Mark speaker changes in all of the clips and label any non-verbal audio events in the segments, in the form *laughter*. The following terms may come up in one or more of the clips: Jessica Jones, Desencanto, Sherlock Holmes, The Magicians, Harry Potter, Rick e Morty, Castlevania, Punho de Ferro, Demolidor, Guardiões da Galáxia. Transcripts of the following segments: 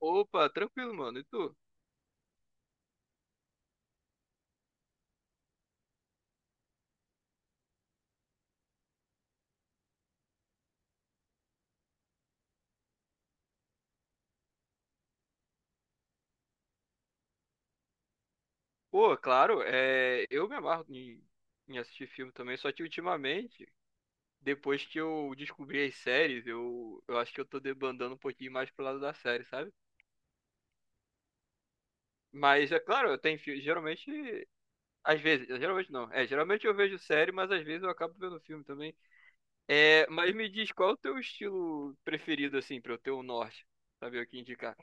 Speaker 1: Opa, tranquilo, mano. E tu? Pô, claro, eu me amarro em assistir filme também, só que ultimamente, depois que eu descobri as séries, eu acho que eu tô debandando um pouquinho mais pro lado da série, sabe? Mas é claro, eu tenho filme, geralmente, às vezes, geralmente não. Geralmente eu vejo série, mas às vezes eu acabo vendo filme também. Mas me diz, qual é o teu estilo preferido, assim, pra eu ter um norte? Saber o que indicar.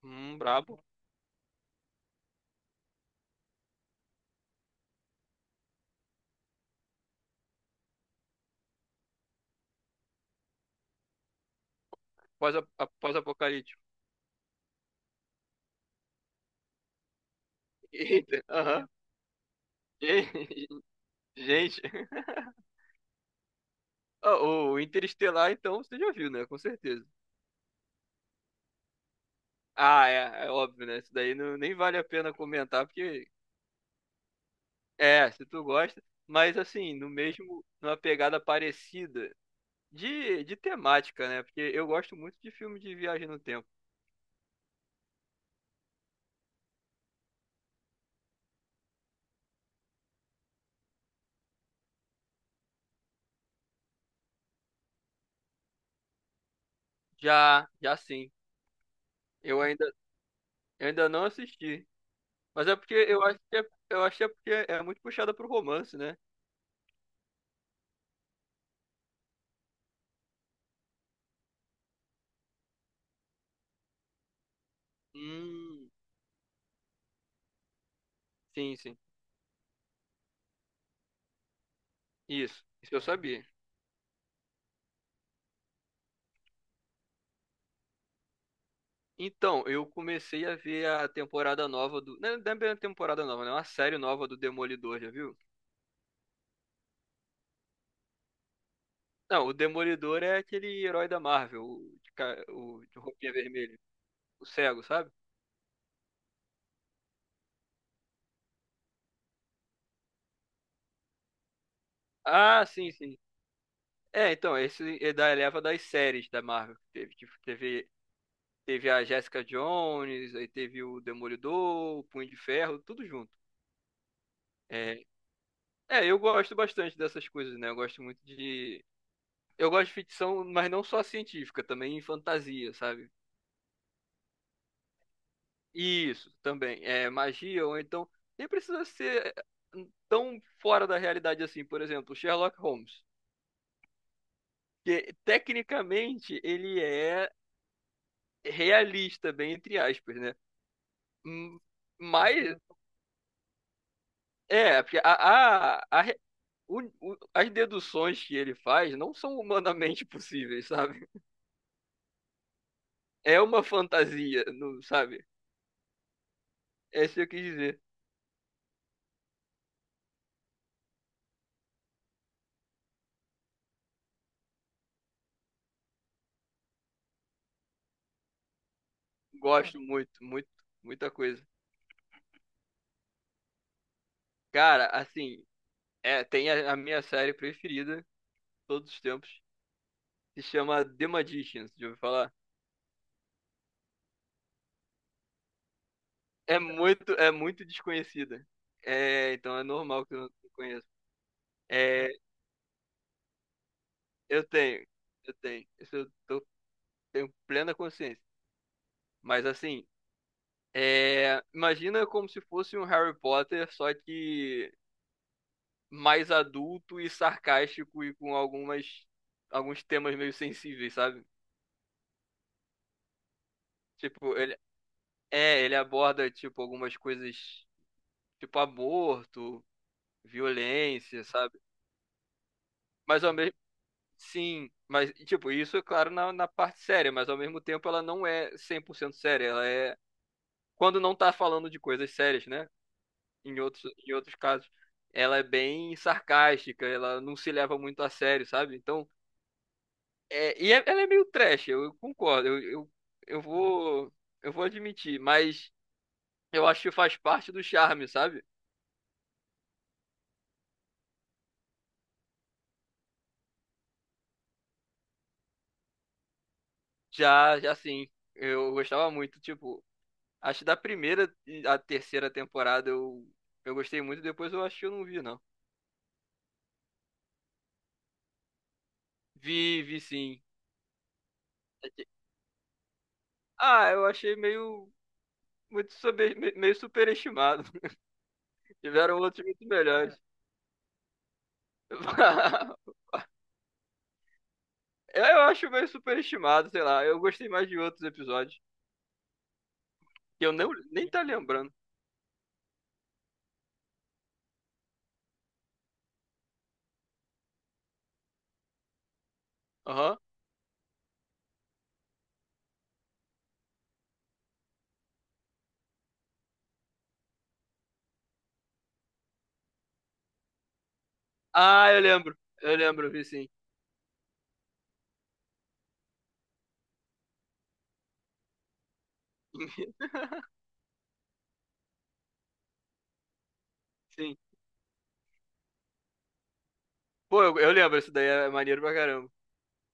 Speaker 1: Brabo. Pós-apocalíptico. Pós-apocalíptico. Eita, aham. *laughs* Gente, ah, O Interestelar, então, você já viu, né? Com certeza. Ah, é, é óbvio, né? Isso daí não, nem vale a pena comentar, porque é, se tu gosta, mas assim, no mesmo, numa pegada parecida de temática, né? Porque eu gosto muito de filme de viagem no tempo. Já, já sim. Eu ainda, eu ainda não assisti. Mas é porque eu acho que é, eu acho que é porque é muito puxada pro romance, né? Hum, sim, sim. Isso. Isso eu sabia. Então, eu comecei a ver a temporada nova do. Não, não é bem a temporada nova, né? Uma série nova do Demolidor, já viu? Não, o Demolidor é aquele herói da Marvel, o de roupinha vermelha, o cego, sabe? Ah, sim, sim. É, então, esse é da leva das séries da Marvel. Que teve, tipo, teve a Jessica Jones, aí teve o Demolidor, o Punho de Ferro, tudo junto. É, é, eu gosto bastante dessas coisas, né? Eu gosto muito de. Eu gosto de ficção, mas não só científica, também fantasia, sabe? Isso, também. É magia, ou então. Nem precisa ser tão fora da realidade assim. Por exemplo, Sherlock Holmes. Que tecnicamente ele é realista, bem entre aspas, né? Hum, mas, é, porque a re- o- as deduções que ele faz não são humanamente *laughs* possíveis, sabe? É uma fantasia, não, sabe? É isso que eu quis dizer. Gosto muito, muito, muita coisa. Cara, assim, é, tem a minha série preferida todos os tempos. Se chama The Magicians, já ouviu falar? É muito desconhecida. É, então é normal que eu não conheça. É, eu tenho, eu tenho. Tenho plena consciência. Mas assim, é, imagina como se fosse um Harry Potter, só que mais adulto e sarcástico e com alguns temas meio sensíveis, sabe? Tipo, é, ele aborda, tipo, algumas coisas, tipo aborto, violência, sabe? Mas ao mesmo sim, mas, tipo, isso é claro na parte séria, mas ao mesmo tempo ela não é 100% séria. Ela é. Quando não tá falando de coisas sérias, né? Em outros casos, ela é bem sarcástica, ela não se leva muito a sério, sabe? Então, ela é meio trash, eu concordo, eu vou, eu vou admitir, mas eu acho que faz parte do charme, sabe? Já, já sim, eu gostava muito, tipo, acho que da primeira à terceira temporada eu gostei muito, depois eu acho que eu não vi, não. Vi, vi sim. Ah, eu achei meio meio superestimado. *laughs* Tiveram outros muito melhores. *laughs* Eu acho meio superestimado, sei lá. Eu gostei mais de outros episódios que eu não nem tá lembrando. Aham. Ah, eu lembro. Eu lembro, vi sim. *laughs* Sim. Pô, eu lembro, isso daí é maneiro pra caramba.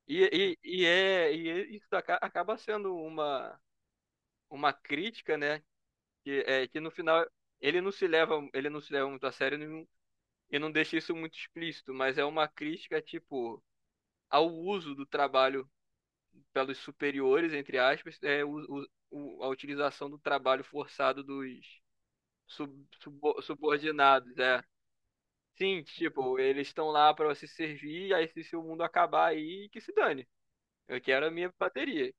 Speaker 1: Isso acaba sendo uma crítica, né? Que é que no final ele não se leva muito a sério e não deixa isso muito explícito, mas é uma crítica, tipo, ao uso do trabalho pelos superiores, entre aspas, é a utilização do trabalho forçado dos subordinados, é. Sim, tipo, eles estão lá para se servir, aí se o mundo acabar aí, que se dane. Eu quero a minha bateria.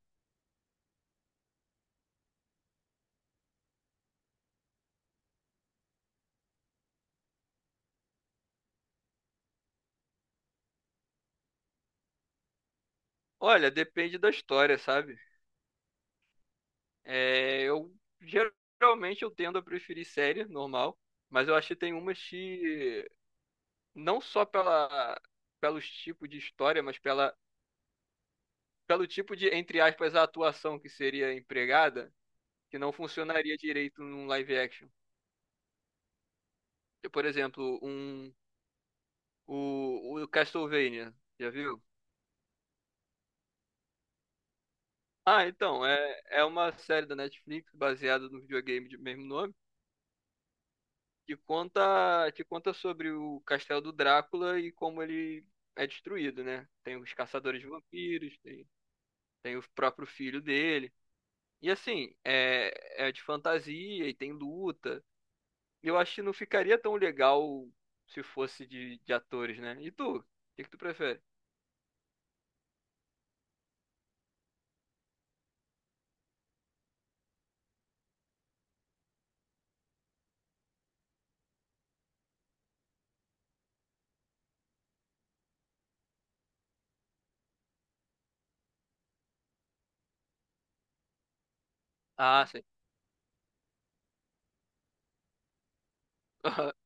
Speaker 1: Olha, depende da história, sabe? É, eu geralmente eu tendo a preferir série normal, mas eu acho que tem umas que não só pelos tipos de história, mas pelo tipo de, entre aspas, atuação que seria empregada, que não funcionaria direito num live action. Por exemplo, o Castlevania, já viu? Ah, então, é uma série da Netflix baseada no videogame de mesmo nome, que conta sobre o castelo do Drácula e como ele é destruído, né? Tem os caçadores de vampiros, tem, tem o próprio filho dele. E assim, é de fantasia e tem luta. Eu acho que não ficaria tão legal se fosse de atores, né? E tu? O que que tu prefere? Ah, sim. *laughs*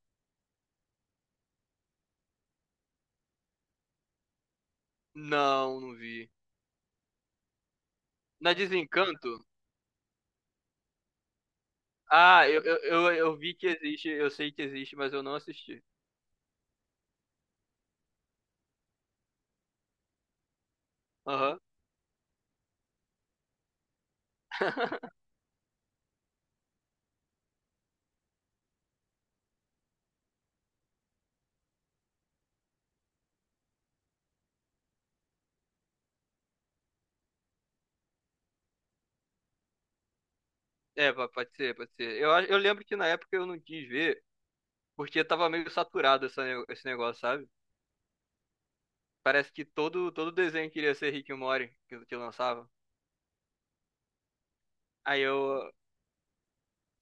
Speaker 1: Não, não vi. Na Desencanto? Ah, eu vi que existe, eu sei que existe, mas eu não assisti. Aham. É, pode ser, pode ser. Eu lembro que na época eu não quis ver, porque tava meio saturado esse negócio, sabe? Parece que todo desenho queria ser Rick e Morty que lançava. Aí eu,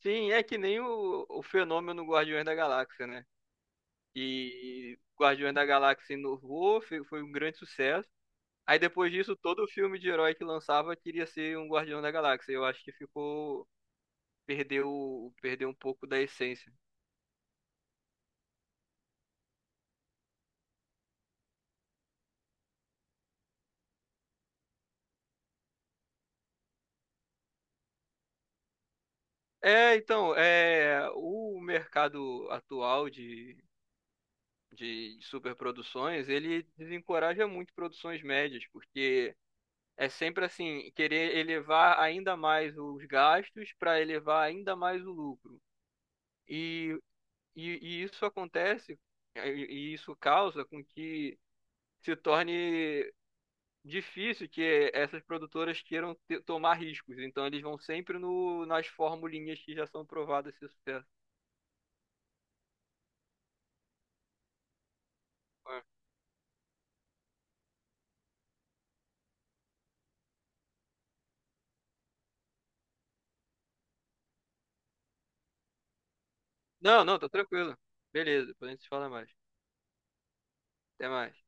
Speaker 1: sim, é que nem o fenômeno Guardiões da Galáxia, né? E Guardiões da Galáxia inovou, foi um grande sucesso. Aí depois disso, todo filme de herói que lançava queria ser um Guardião da Galáxia. Eu acho que ficou, perdeu um pouco da essência. É, então, é, o mercado atual de superproduções, ele desencoraja muito produções médias, porque é sempre assim, querer elevar ainda mais os gastos para elevar ainda mais o lucro. E, e, e isso acontece, é, e isso causa com que se torne difícil que essas produtoras queiram tomar riscos. Então eles vão sempre no, nas formulinhas que já são provadas esse sucesso. É. Não, não, tá tranquilo. Beleza, depois a gente se fala mais. Até mais.